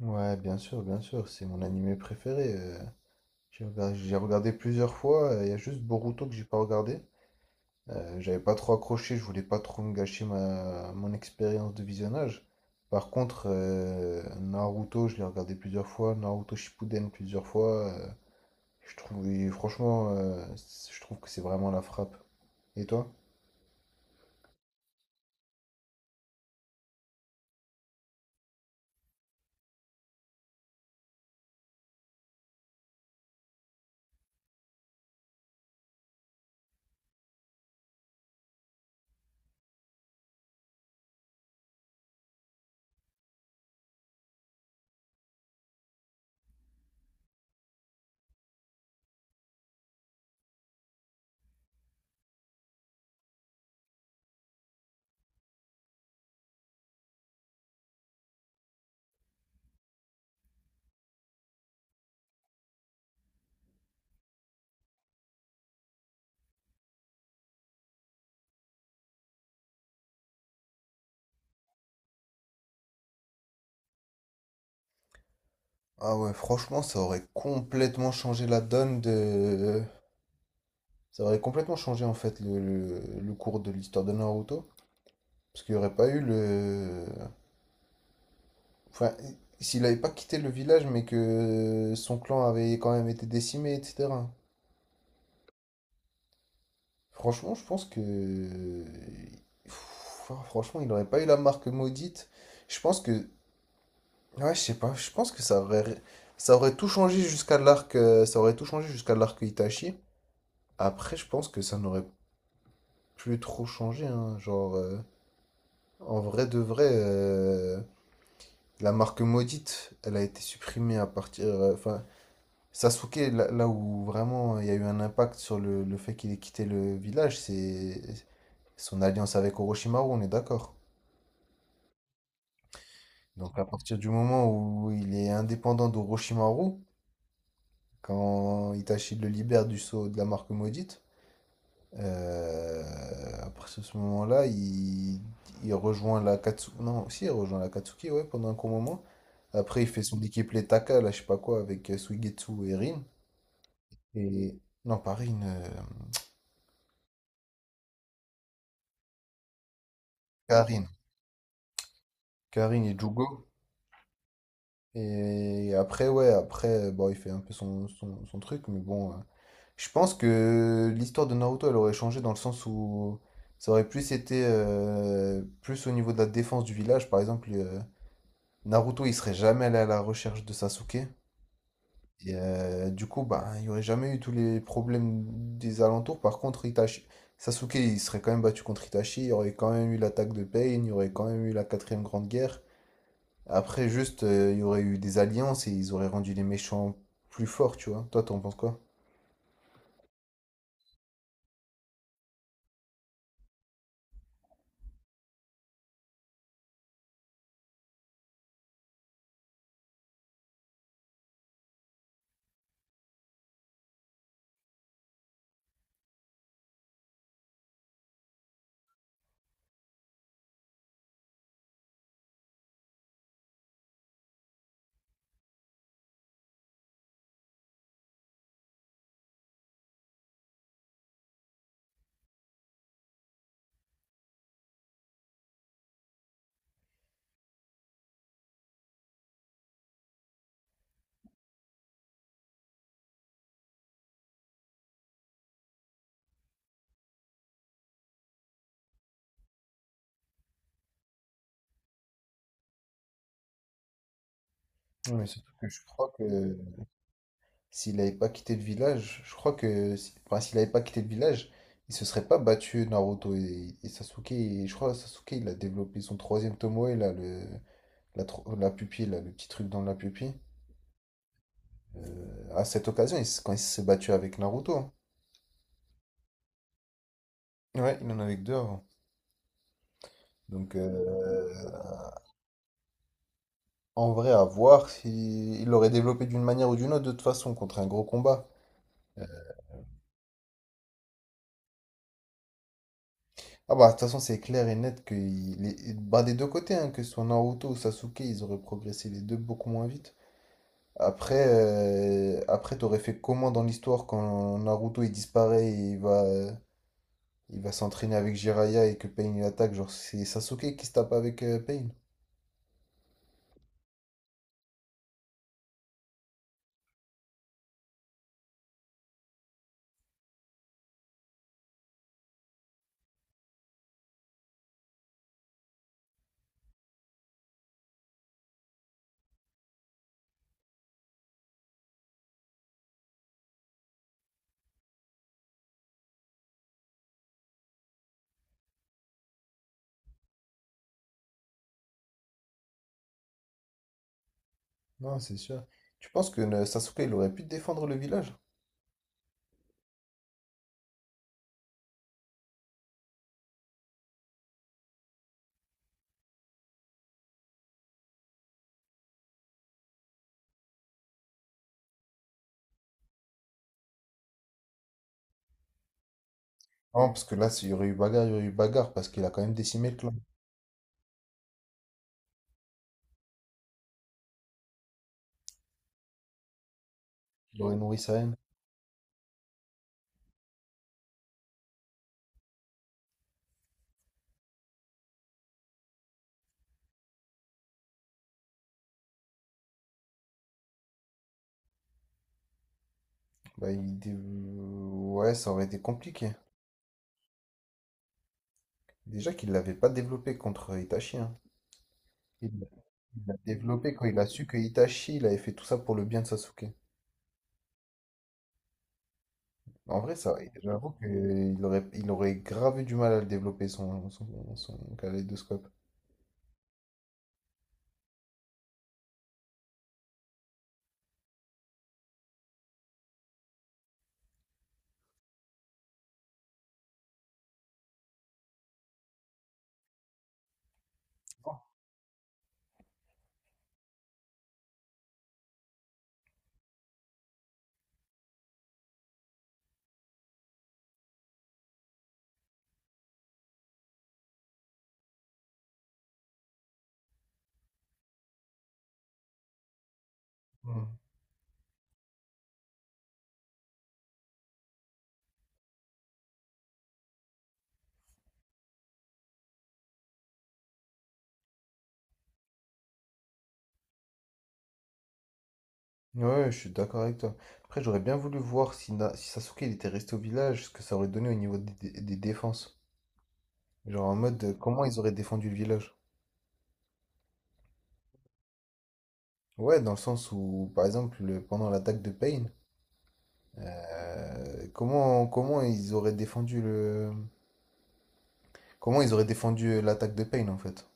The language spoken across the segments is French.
Ouais, bien sûr, c'est mon animé préféré. J'ai regardé plusieurs fois, il y a juste Boruto que j'ai pas regardé. J'avais pas trop accroché, je voulais pas trop me gâcher mon expérience de visionnage. Par contre, Naruto, je l'ai regardé plusieurs fois, Naruto Shippuden plusieurs fois. Je trouve, et franchement, je trouve que c'est vraiment la frappe. Et toi? Ah ouais, franchement, ça aurait complètement changé la donne de… Ça aurait complètement changé en fait le cours de l'histoire de Naruto. Parce qu'il n'y aurait pas eu le… Enfin, s'il n'avait pas quitté le village, mais que son clan avait quand même été décimé, etc. Franchement, je pense que… Pff, franchement, il n'aurait pas eu la marque maudite. Je pense que… Ouais, je sais pas. Je pense que ça aurait… Ça aurait tout changé jusqu'à l'arc… ça aurait tout changé jusqu'à l'arc Itachi. Après, je pense que ça n'aurait plus trop changé, hein. Genre, en vrai de vrai, la marque maudite, elle a été supprimée à partir… enfin, Sasuke, là, là où vraiment il y a eu un impact sur le fait qu'il ait quitté le village, c'est son alliance avec Orochimaru, on est d'accord. Donc à partir du moment où il est indépendant d'Orochimaru, quand Itachi le libère du sceau de la marque maudite, euh, à partir de ce moment-là, il rejoint la Katsuki. Non, si, il rejoint la Katsuki, ouais, pendant un court moment. Après, il fait son équipe les Taka, là, je sais pas quoi, avec Suigetsu et Rin. Et… non, pas Rin, Karin. Karin et Jugo. Et après, ouais, après, bon, il fait un peu son truc, mais bon, je pense que l'histoire de Naruto, elle aurait changé dans le sens où ça aurait plus été plus au niveau de la défense du village. Par exemple, Naruto, il serait jamais allé à la recherche de Sasuke. Et du coup, bah, il n'y aurait jamais eu tous les problèmes des alentours. Par contre, Itachi, Sasuke, il serait quand même battu contre Itachi. Il y aurait quand même eu l'attaque de Pain. Il y aurait quand même eu la quatrième grande guerre. Après, juste, il y aurait eu des alliances et ils auraient rendu les méchants plus forts, tu vois. Toi, t'en penses quoi? Ouais, mais surtout que je crois que s'il n'avait pas quitté le village, je crois que, enfin, s'il n'avait pas quitté le village, il se serait pas battu Naruto et Sasuke. Et je crois que Sasuke, il a développé son troisième Tomoe, là, le, la pupille, là, le petit truc dans la pupille. À cette occasion, quand il s'est battu avec Naruto. Ouais, il en avait que deux avant. Donc, en vrai, à voir s'il l'aurait développé d'une manière ou d'une autre, de toute façon, contre un gros combat. Ah bah, de toute façon, c'est clair et net que il est… bah, des deux côtés, hein, que ce soit Naruto ou Sasuke, ils auraient progressé les deux beaucoup moins vite. Après, après t'aurais fait comment dans l'histoire quand Naruto il disparaît et il va s'entraîner avec Jiraiya et que Pain il attaque? Genre, c'est Sasuke qui se tape avec Pain. Non, c'est sûr. Tu penses que Sasuke il aurait pu défendre le village? Non, parce que là, il y aurait eu bagarre, il y aurait eu bagarre, parce qu'il a quand même décimé le clan. Il aurait nourri sa haine. Ouais, ça aurait été compliqué. Déjà qu'il l'avait pas développé contre Itachi, hein. Il l'a développé quand il a su que Itachi, il avait fait tout ça pour le bien de Sasuke. En vrai, ça, j'avoue qu'il aurait, il aurait grave eu du mal à le développer, son kaléidoscope. Hmm. Ouais, je suis d'accord avec toi. Après, j'aurais bien voulu voir si, si Sasuke il était resté au village, ce que ça aurait donné au niveau des, des défenses. Genre en mode, comment ils auraient défendu le village? Ouais, dans le sens où, par exemple, pendant l'attaque de Pain, comment ils auraient défendu le… Comment ils auraient défendu l'attaque de Payne en fait?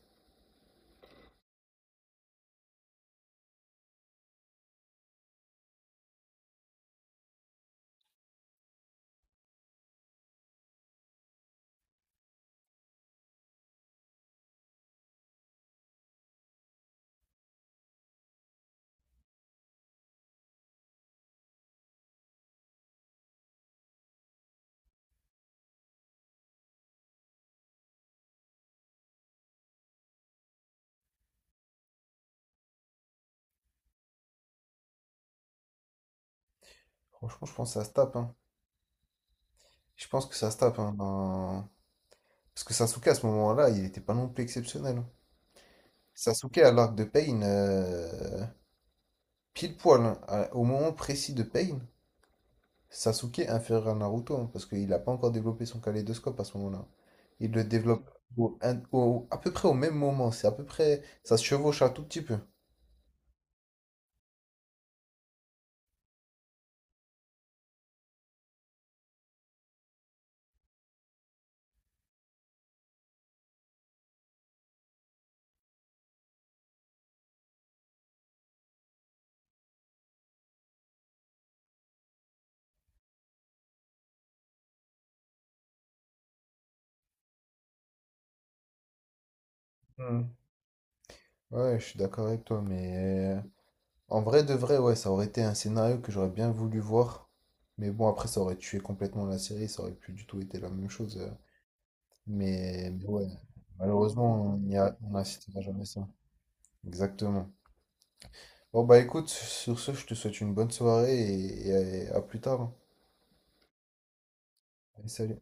Franchement, je pense que ça se tape, hein. Je pense que ça se tape, hein. Parce que Sasuke, à ce moment-là, il n'était pas non plus exceptionnel, hein. Sasuke, à l'arc de Pain, pile poil, hein, au moment précis de Pain, Sasuke inférieur à Naruto, hein, parce qu'il n'a pas encore développé son kaléidoscope à ce moment-là. Il le développe à peu près au même moment, c'est à peu près, ça se chevauche un tout petit peu. Hmm. Ouais, je suis d'accord avec toi, mais euh, en vrai de vrai, ouais, ça aurait été un scénario que j'aurais bien voulu voir. Mais bon, après, ça aurait tué complètement la série, ça aurait plus du tout été la même chose. Mais ouais, malheureusement, on n'assistera jamais à ça. Exactement. Bon, bah écoute, sur ce, je te souhaite une bonne soirée et à plus tard, hein. Allez, salut.